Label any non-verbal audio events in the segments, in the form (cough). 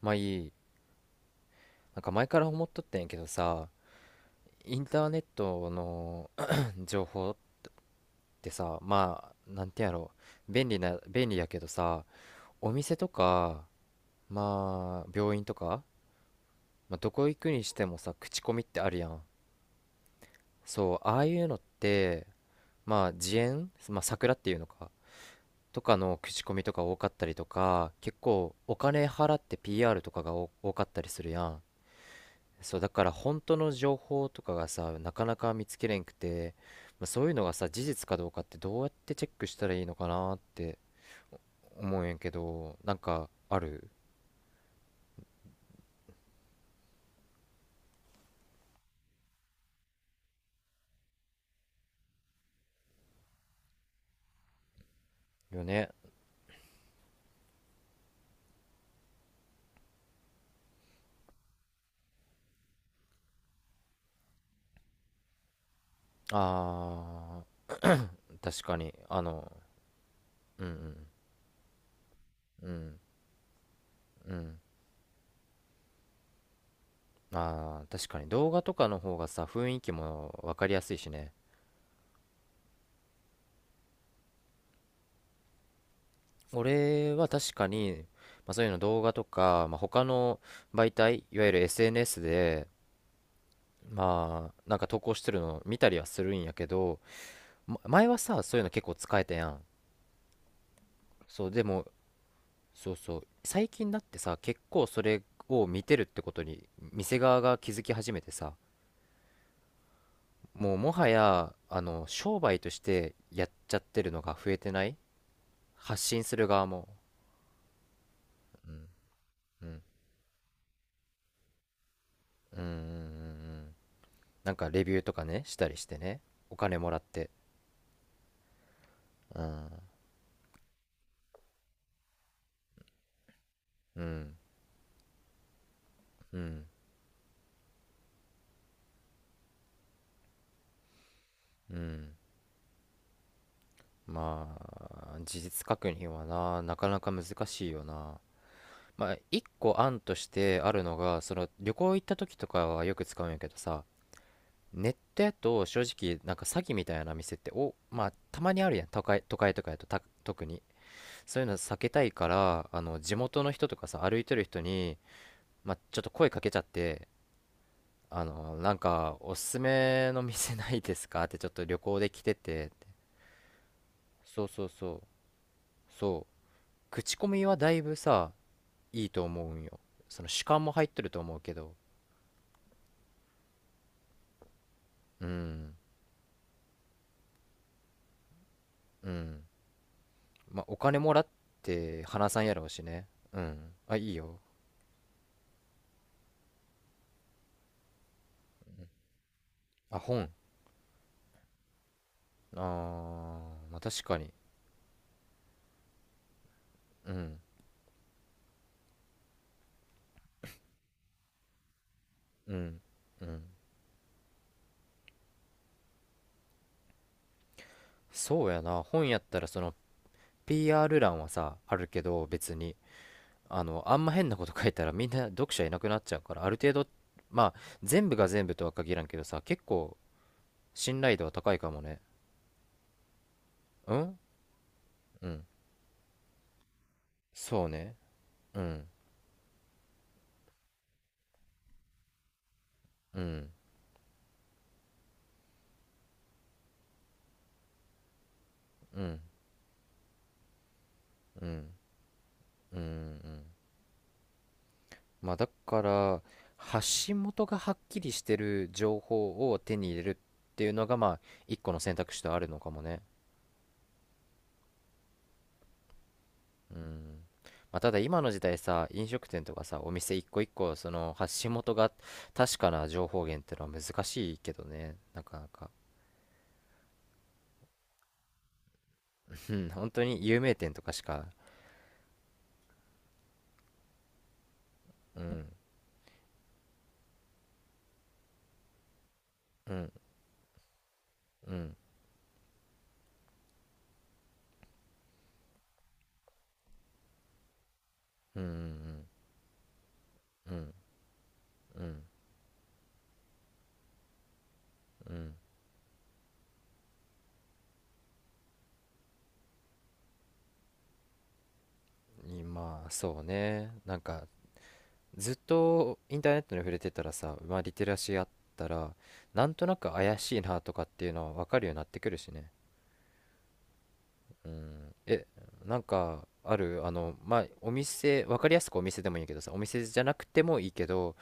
まあいい。なんか前から思っとったんやけどさ、インターネットの (coughs) (clears throat) 情報ってさ、まあ、なんてやろう、便利やけどさ、お店とか、まあ、病院とか、まあ、どこ行くにしてもさ、口コミってあるやん。そう、ああいうのって、まあ、自演、まあ、桜っていうのか、とかの口コミとか多かったりとか、結構お金払って PR とかが多かったりするやん。そうだから本当の情報とかがさなかなか見つけれんくて、まあ、そういうのがさ事実かどうかってどうやってチェックしたらいいのかなって思うんやけど、なんかあるよね。あー、確かに。うんうんうん。うん。あー、確かに動画とかの方がさ、雰囲気も分かりやすいしね。俺は確かに、まあ、そういうの動画とか、まあ、他の媒体、いわゆる SNS でまあなんか投稿してるの見たりはするんやけど、ま、前はさ、そういうの結構使えたやん。そう。でも、そうそう、最近だってさ、結構それを見てるってことに店側が気づき始めてさ、もうもはや商売としてやっちゃってるのが増えてない？発信する側も。うんうんうん。うんうんうん。なんかレビューとかねしたりしてね。お金もらって。うんうんうんうん。まあ、事実確認はな、なかなか難しいよな。まあ、一個案としてあるのが、その旅行行った時とかはよく使うんやけどさ、ネットやと正直、なんか詐欺みたいな店って、まあ、たまにあるやん、都会、都会とかやと、特に。そういうの避けたいから、地元の人とかさ、歩いてる人に、まあ、ちょっと声かけちゃって、なんか、おすすめの店ないですかって、ちょっと旅行で来てて、そうそうそう、そう。口コミはだいぶさ、いいと思うんよ。その主観も入ってると思うけど。うんうん。まあ、お金もらって話さんやろうしね。うん、あ、いいよ。あ、本。あー、まあ確かに。うんうんうん。そうやな、本やったらその PR 欄はさあるけど、別にあんま変なこと書いたらみんな読者いなくなっちゃうから、ある程度、まあ、全部が全部とは限らんけどさ、結構信頼度は高いかもね。うんうん。そうね。うんうんうん。うんうんうん。まあ、だから発信元がはっきりしてる情報を手に入れるっていうのが、まあ、一個の選択肢とあるのかもね。うん。まあ、ただ今の時代さ、飲食店とかさ、お店一個一個その発信元が確かな情報源ってのは難しいけどね、なかなか。うん (laughs) 本当に有名店とかしか。うんうんうん。うんうんうん。うんうんうん。まあそうね。なんかずっとインターネットに触れてたらさ、まあ、リテラシーあったら、なんとなく怪しいなとかっていうのは分かるようになってくるしね。うん、え、なんかある、まあ、お店分かりやすく、お店でもいいけどさ、お店じゃなくてもいいけど、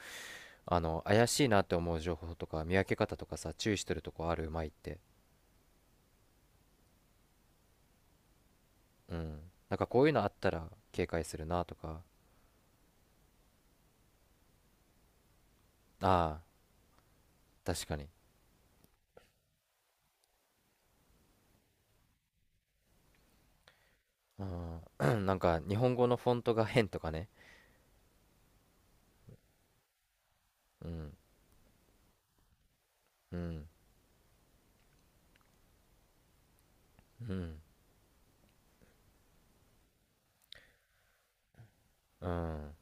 怪しいなって思う情報とか見分け方とかさ、注意してるとこある、うまいって？うん。なんかこういうのあったら警戒するなとか。ああ、確かに。うん (clears throat) なんか日本語のフォントが変とかね。うんうんうんうん。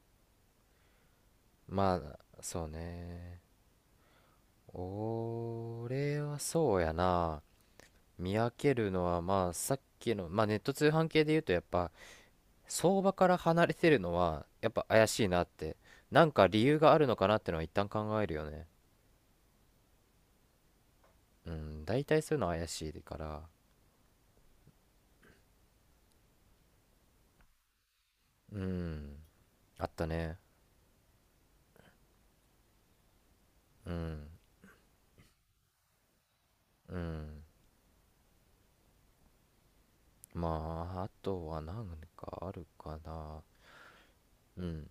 まあそうね。俺はそうやな。見分けるのはまあさっきの、まあネット通販系で言うと、やっぱ相場から離れてるのはやっぱ怪しいなって、なんか理由があるのかなってのは一旦考えるよね。うん、大体そういうのは怪しいから。うん、あったね。うんうん。まあ、あとは何かあるかな。うん。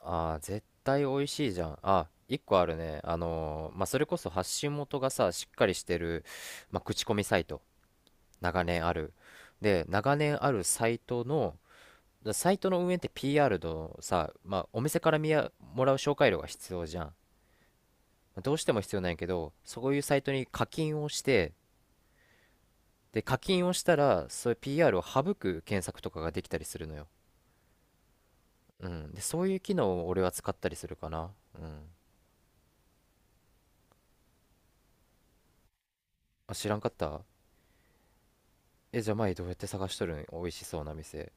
ああ、絶対美味しいじゃん。あ、一個あるね。まあ、それこそ発信元がさ、しっかりしてる、まあ、口コミサイト。長年ある。で、長年あるサイトの、サイトの運営って PR のさ、まあ、お店からもらう紹介料が必要じゃん。まあ、どうしても必要なんやけど、そういうサイトに課金をして、で、課金をしたら、そういう PR を省く検索とかができたりするのよ。うん。で、そういう機能を俺は使ったりするかな。うん。あ、知らんかった？え、じゃあ前どうやって探しとるん、美味しそうな店？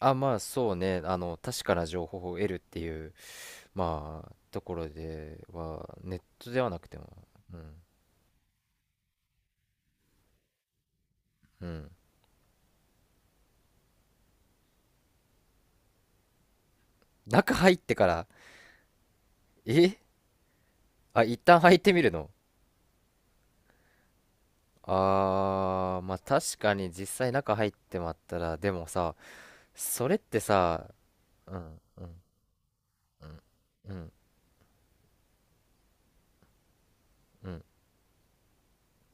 あ、まあそうね。確かな情報を得るっていう、まあ、ところでは、ネットではなくても。うん。うん。中入ってから、えあ、一旦入ってみるの？あー、まあ確かに実際中入ってまったら、でもさ、それってさ、うん、うん、うん、うん、うん、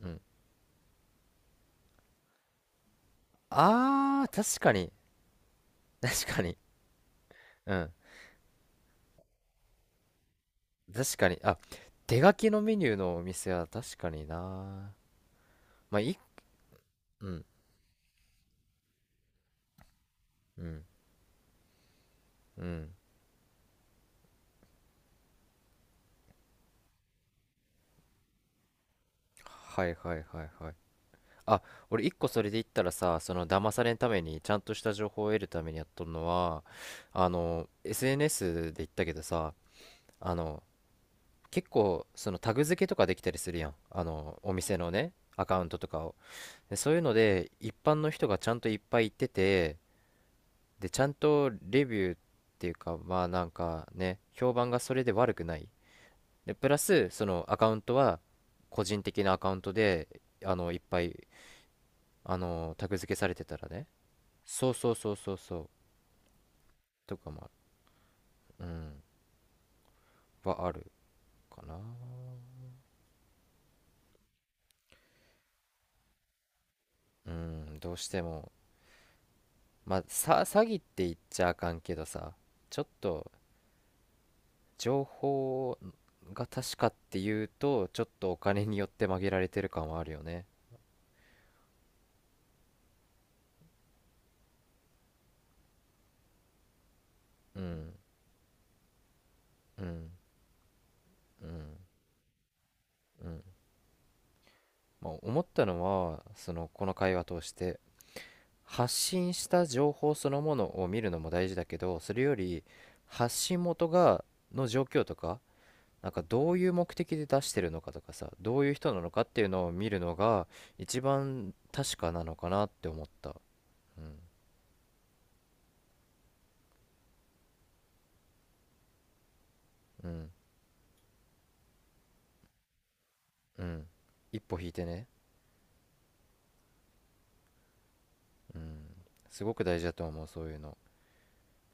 うん。あー、確かに。確かに。うん。確かに。あ、手書きのメニューのお店は確かにな。まあ、うん、うん、うん。はいはいはいはい。あ、俺一個それで言ったらさ、その騙されんために、ちゃんとした情報を得るためにやっとるのは、SNS で言ったけどさ、あの、結構、そのタグ付けとかできたりするやん。お店のね、アカウントとかを。で、そういうので、一般の人がちゃんといっぱい行ってて、で、ちゃんとレビューっていうか、まあなんかね、評判がそれで悪くない。で、プラス、そのアカウントは個人的なアカウントで、いっぱい、タグ付けされてたらね。そうそうそうそうそう。とかもある、うん、はあるかな。うん、どうしても。まあ、さ、詐欺って言っちゃあかんけどさ、ちょっと情報が確かっていうと、ちょっとお金によって曲げられてる感はあるよね。うん、うん。うんうん。まあ、思ったのはそのこの会話通して、発信した情報そのものを見るのも大事だけど、それより発信元がの状況とか、なんかどういう目的で出してるのかとかさ、どういう人なのかっていうのを見るのが一番確かなのかなって思った。うんうんうん。一歩引いてね。うん。すごく大事だと思う、そういうの。